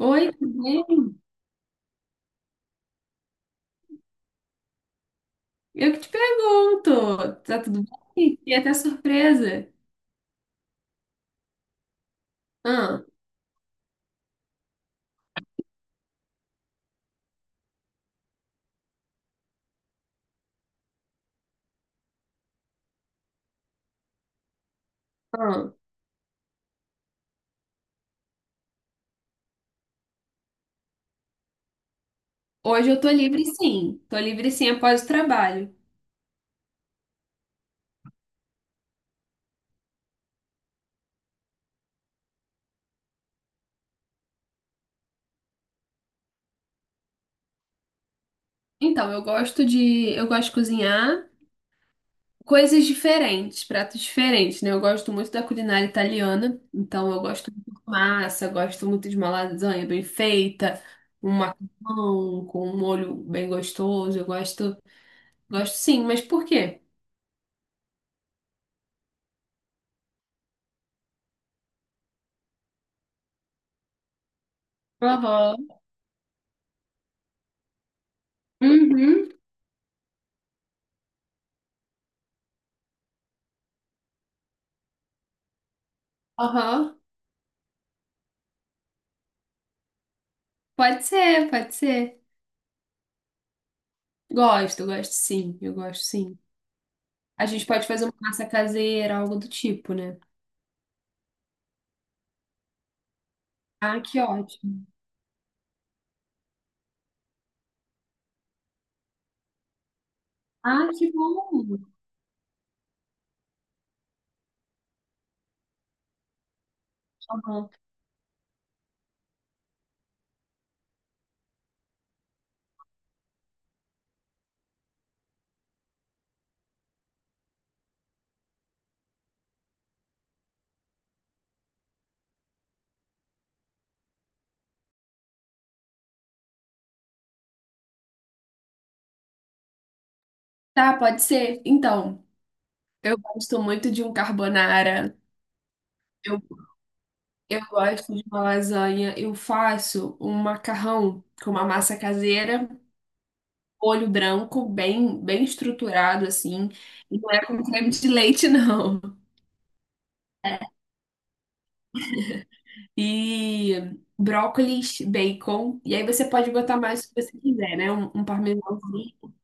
Oi, tudo bem? Eu que te pergunto. Tá tudo bem? E até surpresa. Ah, ah. Hoje eu tô livre sim. Tô livre sim após o trabalho. Então, eu gosto de cozinhar coisas diferentes, pratos diferentes, né? Eu gosto muito da culinária italiana, então eu gosto muito de massa, gosto muito de uma lasanha bem feita, um macarrão com um molho bem gostoso. Eu gosto, gosto sim, mas por quê? Aham. Uhum. Aham. Pode ser, pode ser. Gosto, gosto sim, eu gosto sim. A gente pode fazer uma massa caseira, algo do tipo, né? Ah, que ótimo. Ah, que bom. Tá, bom. Tá, pode ser. Então, eu gosto muito de um carbonara. Eu, eu gosto de uma lasanha. Eu faço um macarrão com uma massa caseira, molho branco, bem, bem estruturado assim. E não é com creme de leite, não. E brócolis, bacon. E aí você pode botar mais o que você quiser, né? Um parmesãozinho.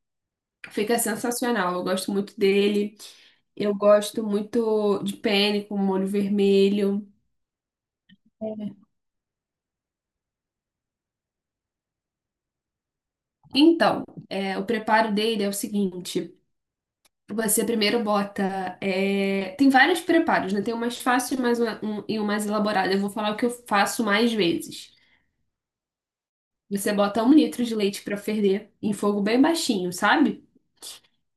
Fica sensacional. Eu gosto muito dele. Eu gosto muito de penne com molho vermelho. Então, o preparo dele é o seguinte. Você primeiro bota. Tem vários preparos, né? Tem o mais fácil e mais um, e o mais elaborado. Eu vou falar o que eu faço mais vezes. Você bota um litro de leite para ferver em fogo bem baixinho, sabe?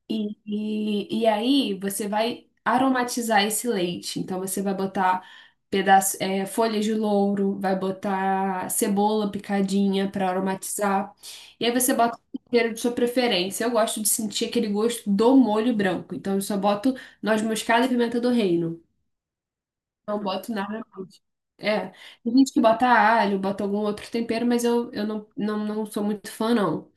E aí você vai aromatizar esse leite. Então você vai botar folhas de louro, vai botar cebola picadinha para aromatizar. E aí você bota o tempero de sua preferência. Eu gosto de sentir aquele gosto do molho branco. Então eu só boto noz moscada e pimenta do reino. Não boto nada mais. É, tem gente que bota alho, bota algum outro tempero, mas eu não, não, não sou muito fã, não.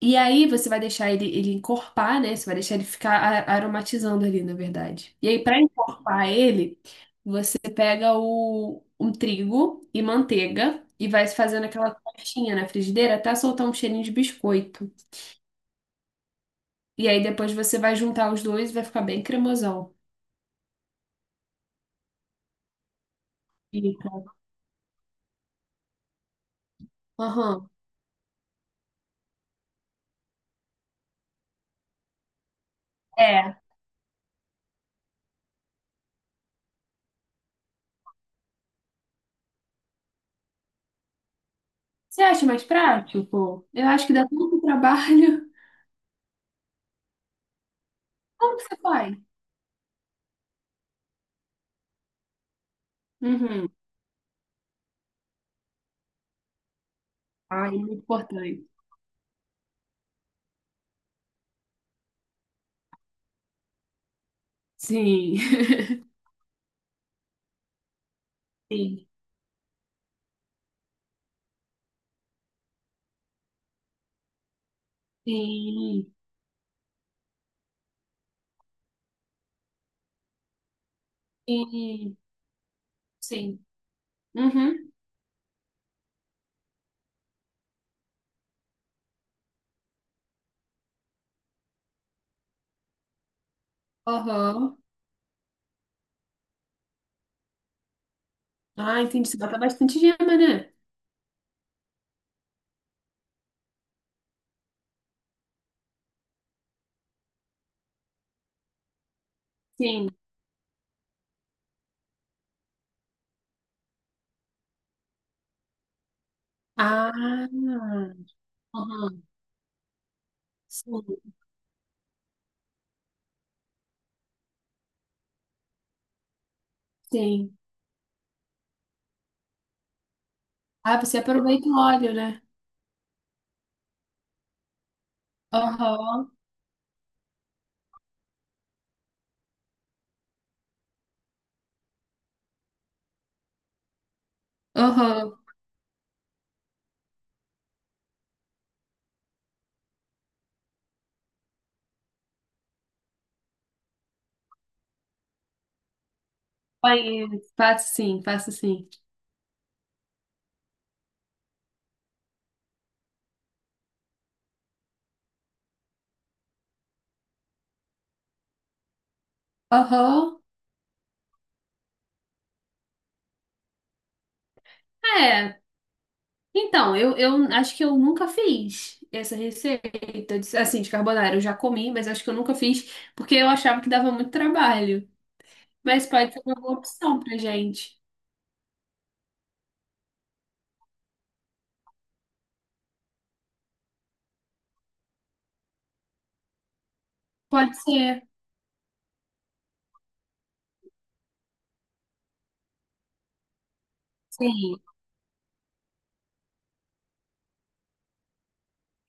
E aí você vai deixar ele encorpar, né? Você vai deixar ele ficar aromatizando ali, na verdade. E aí, para encorpar ele, você pega um trigo e manteiga e vai fazendo aquela crostinha na frigideira até soltar um cheirinho de biscoito. E aí depois você vai juntar os dois e vai ficar bem cremosão. Fica. Aham. É. Você acha mais prático? Eu acho que dá tanto trabalho. Como que você faz? Uhum. Ah, é muito importante. Sim. Sim. Sim. Sim. Sim. Uhum. Aham. Ah, entendi. Você bota bastante gema, né? Sim. Ah. Aham. Sim. Sim. Ah, você aproveita o óleo, né? Aham. Aham. Conheço. Faço sim, faço sim. Aham. É. Então, eu acho que eu nunca fiz essa receita, assim, de carbonara. Eu já comi, mas acho que eu nunca fiz, porque eu achava que dava muito trabalho. Mas pode ser uma boa opção pra gente. Pode ser. Sim.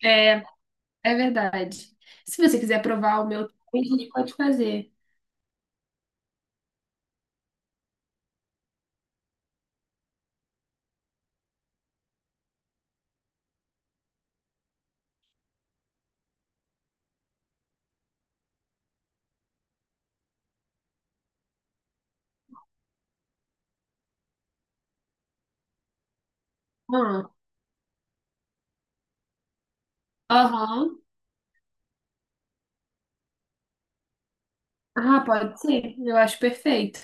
é É verdade. Se você quiser provar o meu, a gente pode fazer. Ah, aham. Ah, pode ser. Eu acho perfeito.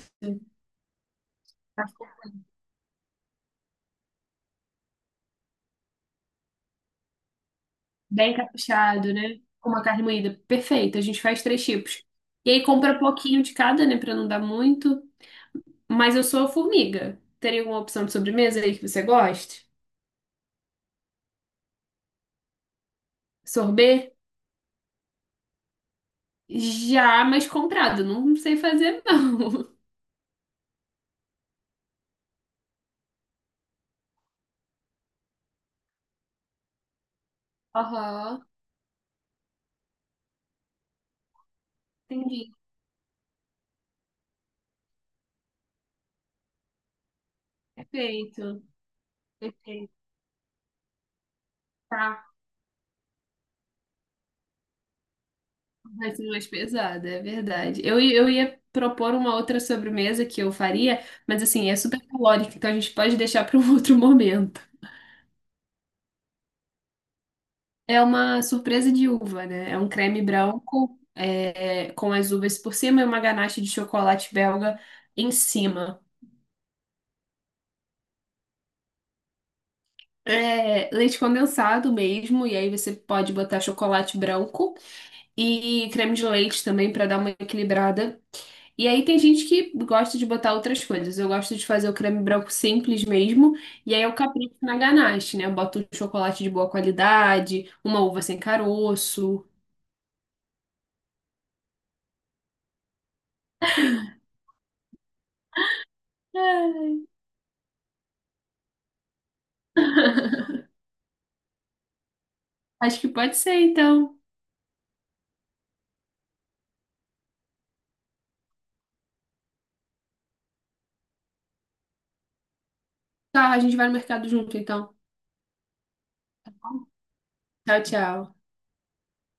Tá. Bem caprichado, né? Com uma carne moída. Perfeito. A gente faz três tipos. E aí compra pouquinho de cada, né? Pra não dar muito. Mas eu sou formiga. Teria alguma opção de sobremesa aí que você goste? Sorbet? Já, mas comprado. Não sei fazer, não. Aham. Entendi. Perfeito. Perfeito. Tá. Vai ser mais pesada, é verdade. Eu ia propor uma outra sobremesa que eu faria, mas assim, é super calórica, então a gente pode deixar para um outro momento. É uma surpresa de uva, né? É um creme branco, com as uvas por cima e uma ganache de chocolate belga em cima. É leite condensado mesmo, e aí você pode botar chocolate branco e creme de leite também para dar uma equilibrada. E aí tem gente que gosta de botar outras coisas. Eu gosto de fazer o creme branco simples mesmo, e aí eu capricho na ganache, né? Eu boto um chocolate de boa qualidade, uma uva sem caroço. É, acho que pode ser, então. Tá, a gente vai no mercado junto, então. Tchau, tchau.